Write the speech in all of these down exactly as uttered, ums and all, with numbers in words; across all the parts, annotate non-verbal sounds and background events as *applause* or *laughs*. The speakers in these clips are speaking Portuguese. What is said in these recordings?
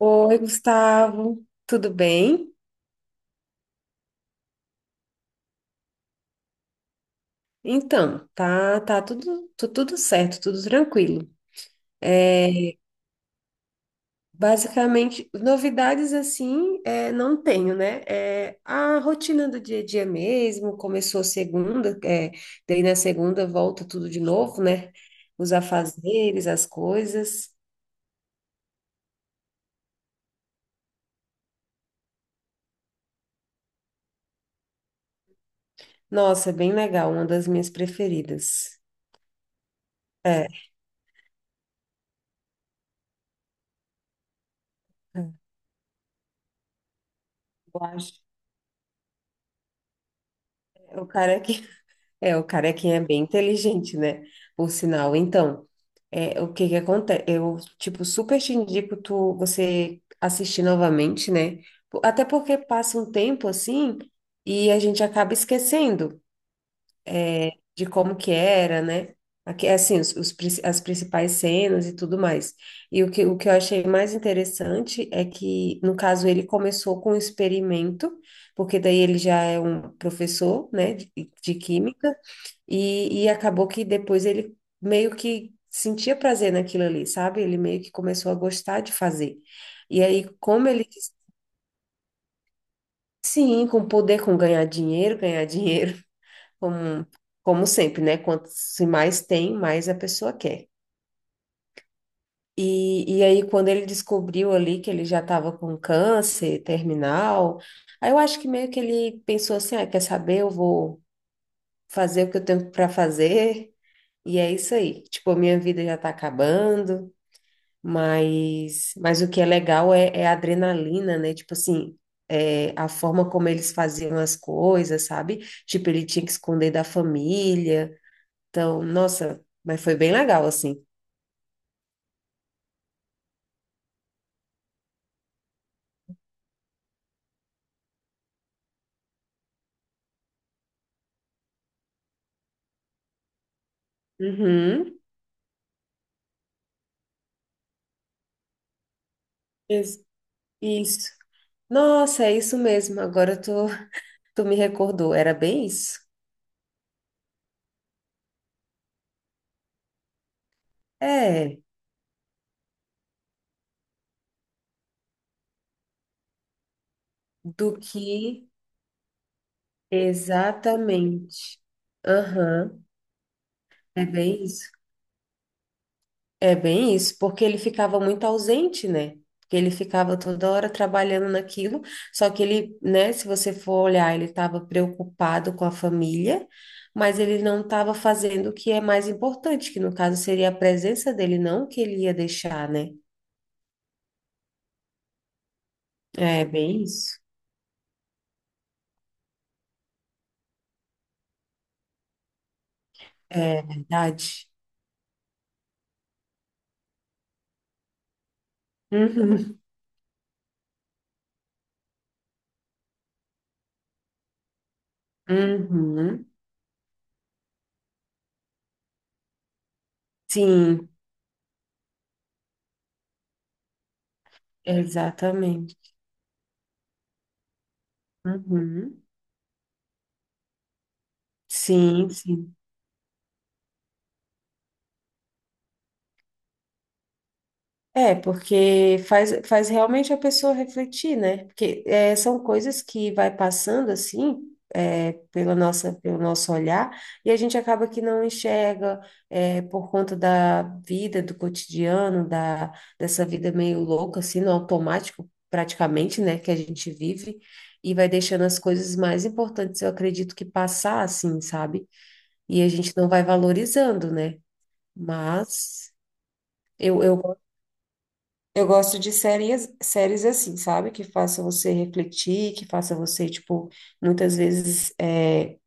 Oi, Gustavo, tudo bem? Então, tá, tá tudo, tu- tudo certo, tudo tranquilo. É, Basicamente, novidades assim, é, não tenho, né? É, a rotina do dia a dia mesmo, começou segunda, é, daí na segunda volta tudo de novo, né? Os afazeres, as coisas. Nossa, é bem legal, uma das minhas preferidas. É, eu acho. É, O cara que É, o carequinha é bem inteligente, né? Por sinal. Então, é, o que que acontece? Eu, tipo, super te indico tu, você assistir novamente, né? Até porque passa um tempo assim e a gente acaba esquecendo de como que era, né? Aqui, assim, os, os prin- as principais cenas e tudo mais. E o que, o que eu achei mais interessante é que, no caso, ele começou com um experimento, porque daí ele já é um professor, né, de, de química, e, e acabou que depois ele meio que sentia prazer naquilo ali, sabe? Ele meio que começou a gostar de fazer. E aí, como ele, sim, com poder, com ganhar dinheiro, ganhar dinheiro como, como sempre, né? Quanto se mais tem, mais a pessoa quer. E, e aí, quando ele descobriu ali que ele já estava com câncer terminal, aí eu acho que meio que ele pensou assim: ah, quer saber? Eu vou fazer o que eu tenho para fazer, e é isso aí. Tipo, a minha vida já está acabando, mas, mas o que é legal é, é a adrenalina, né? Tipo assim. é, a forma como eles faziam as coisas, sabe? Tipo, ele tinha que esconder da família. Então, nossa, mas foi bem legal, assim. Uhum. Isso. Isso. Nossa, é isso mesmo. Agora tu, tu me recordou. Era bem isso? É, do que exatamente. Aham, é bem isso. É bem isso, porque ele ficava muito ausente, né? Porque ele ficava toda hora trabalhando naquilo, só que ele, né, se você for olhar, ele estava preocupado com a família, mas ele não estava fazendo o que é mais importante, que no caso seria a presença dele, não o que ele ia deixar, né? É bem isso. É verdade. Uhum. Uhum. Sim, exatamente. Uhum. Sim, sim. É, porque faz, faz realmente a pessoa refletir, né? Porque é, são coisas que vai passando assim, é, pela nossa, pelo nosso olhar, e a gente acaba que não enxerga, é, por conta da vida, do cotidiano, da, dessa vida meio louca, assim, no automático, praticamente, né, que a gente vive, e vai deixando as coisas mais importantes, eu acredito que passar assim, sabe? E a gente não vai valorizando, né? Mas. Eu, eu eu gosto de séries, séries assim, sabe? Que faça você refletir, que faça você, tipo, muitas vezes é,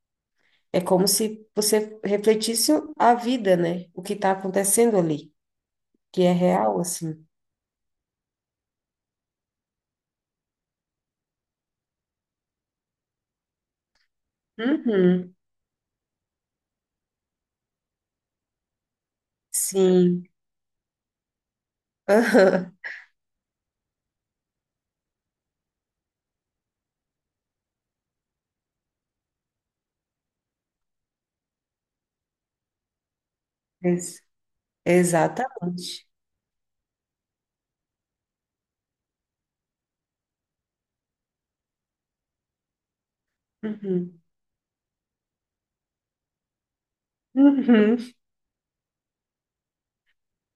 é como se você refletisse a vida, né? O que tá acontecendo ali, que é real, assim. Uhum, sim. *laughs* Aham. Ex- Exata. Uhum. Uhum.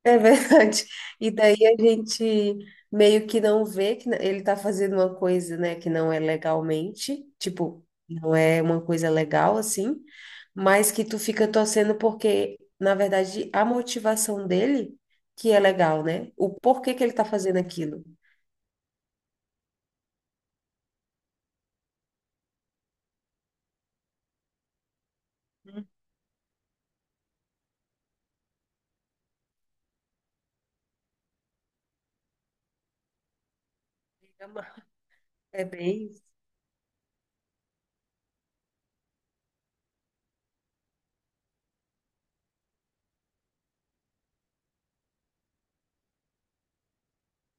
É verdade. E daí a gente meio que não vê que ele está fazendo uma coisa, né, que não é legalmente, tipo, não é uma coisa legal assim, mas que tu fica torcendo porque, na verdade, a motivação dele que é legal, né? O porquê que ele está fazendo aquilo. Hum, Fica mal. É bem isso.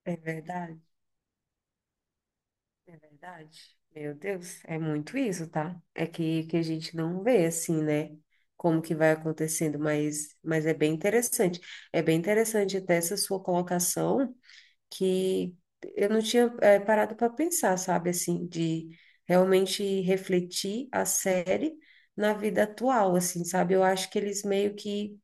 É verdade. É verdade. Meu Deus, é muito isso, tá? É que, que a gente não vê assim, né? Como que vai acontecendo, mas, mas é bem interessante. É bem interessante até essa sua colocação que eu não tinha eh, parado para pensar, sabe? Assim, de realmente refletir a série na vida atual, assim, sabe? Eu acho que eles meio que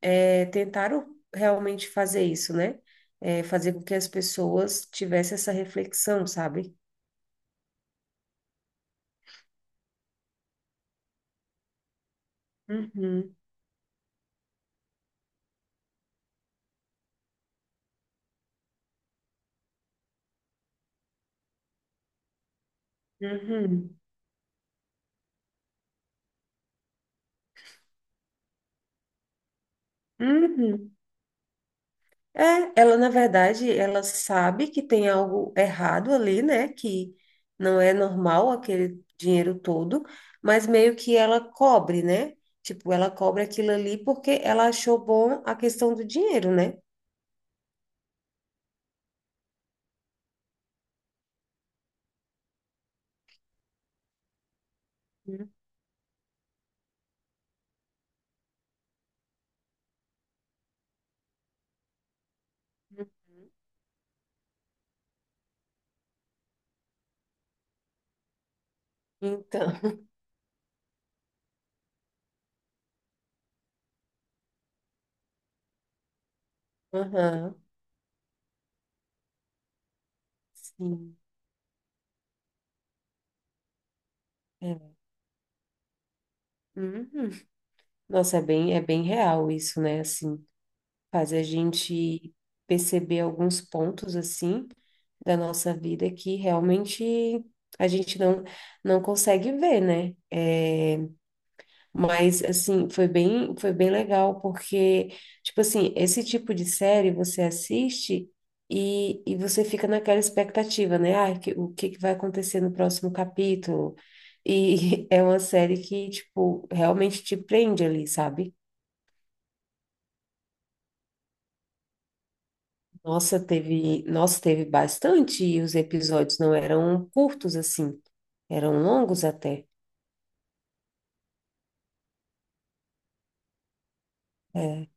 eh, tentaram realmente fazer isso, né? Eh, fazer com que as pessoas tivessem essa reflexão, sabe? Uhum. Uhum. Uhum. É, ela na verdade, ela sabe que tem algo errado ali, né? Que não é normal aquele dinheiro todo, mas meio que ela cobre, né? Tipo, ela cobre aquilo ali porque ela achou bom a questão do dinheiro, né? Uhum. Então, *laughs* aham, sim. É. Uhum. Nossa, é bem, é bem real isso, né? Assim. Faz a gente perceber alguns pontos assim da nossa vida que realmente a gente não não consegue ver, né? É, mas assim, foi bem foi bem legal porque tipo assim, esse tipo de série você assiste e, e você fica naquela expectativa, né? Ah, que- o que que vai acontecer no próximo capítulo? E *laughs* é uma série que, tipo, realmente te prende ali, sabe? Nossa, teve, nossa, teve bastante e os episódios não eram curtos assim, eram longos até. É.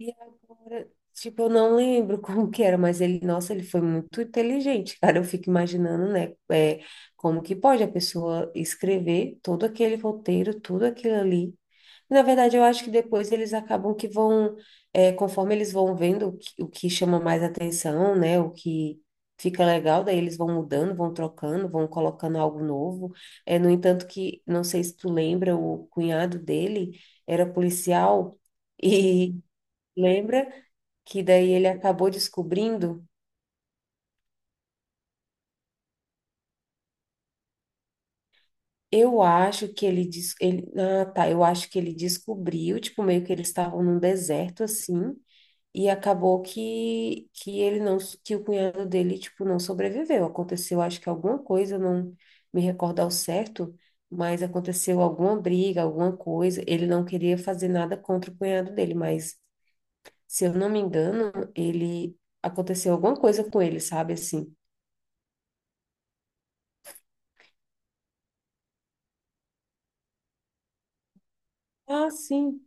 E agora, tipo, eu não lembro *laughs* como que era, mas ele, nossa, ele foi muito inteligente, cara. Eu fico imaginando, né, é, como que pode a pessoa escrever todo aquele roteiro, tudo aquilo ali. Na verdade, eu acho que depois eles acabam que vão, é, conforme eles vão vendo o que, o que chama mais atenção, né? O que fica legal, daí eles vão mudando, vão trocando, vão colocando algo novo. É, no entanto, que não sei se tu lembra, o cunhado dele era policial e *laughs* lembra que daí ele acabou descobrindo. Eu acho que ele, des- ele, ah, tá, eu acho que ele descobriu, tipo, meio que eles estavam num deserto assim. E acabou que, que ele não, que o cunhado dele, tipo, não sobreviveu. Aconteceu, acho que alguma coisa, não me recordo ao certo, mas aconteceu alguma briga, alguma coisa. Ele não queria fazer nada contra o cunhado dele, mas, se eu não me engano, ele aconteceu alguma coisa com ele, sabe assim? Ah, sim,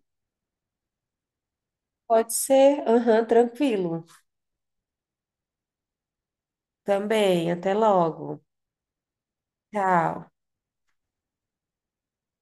pode ser. Aham, tranquilo. Também, até logo. Tchau.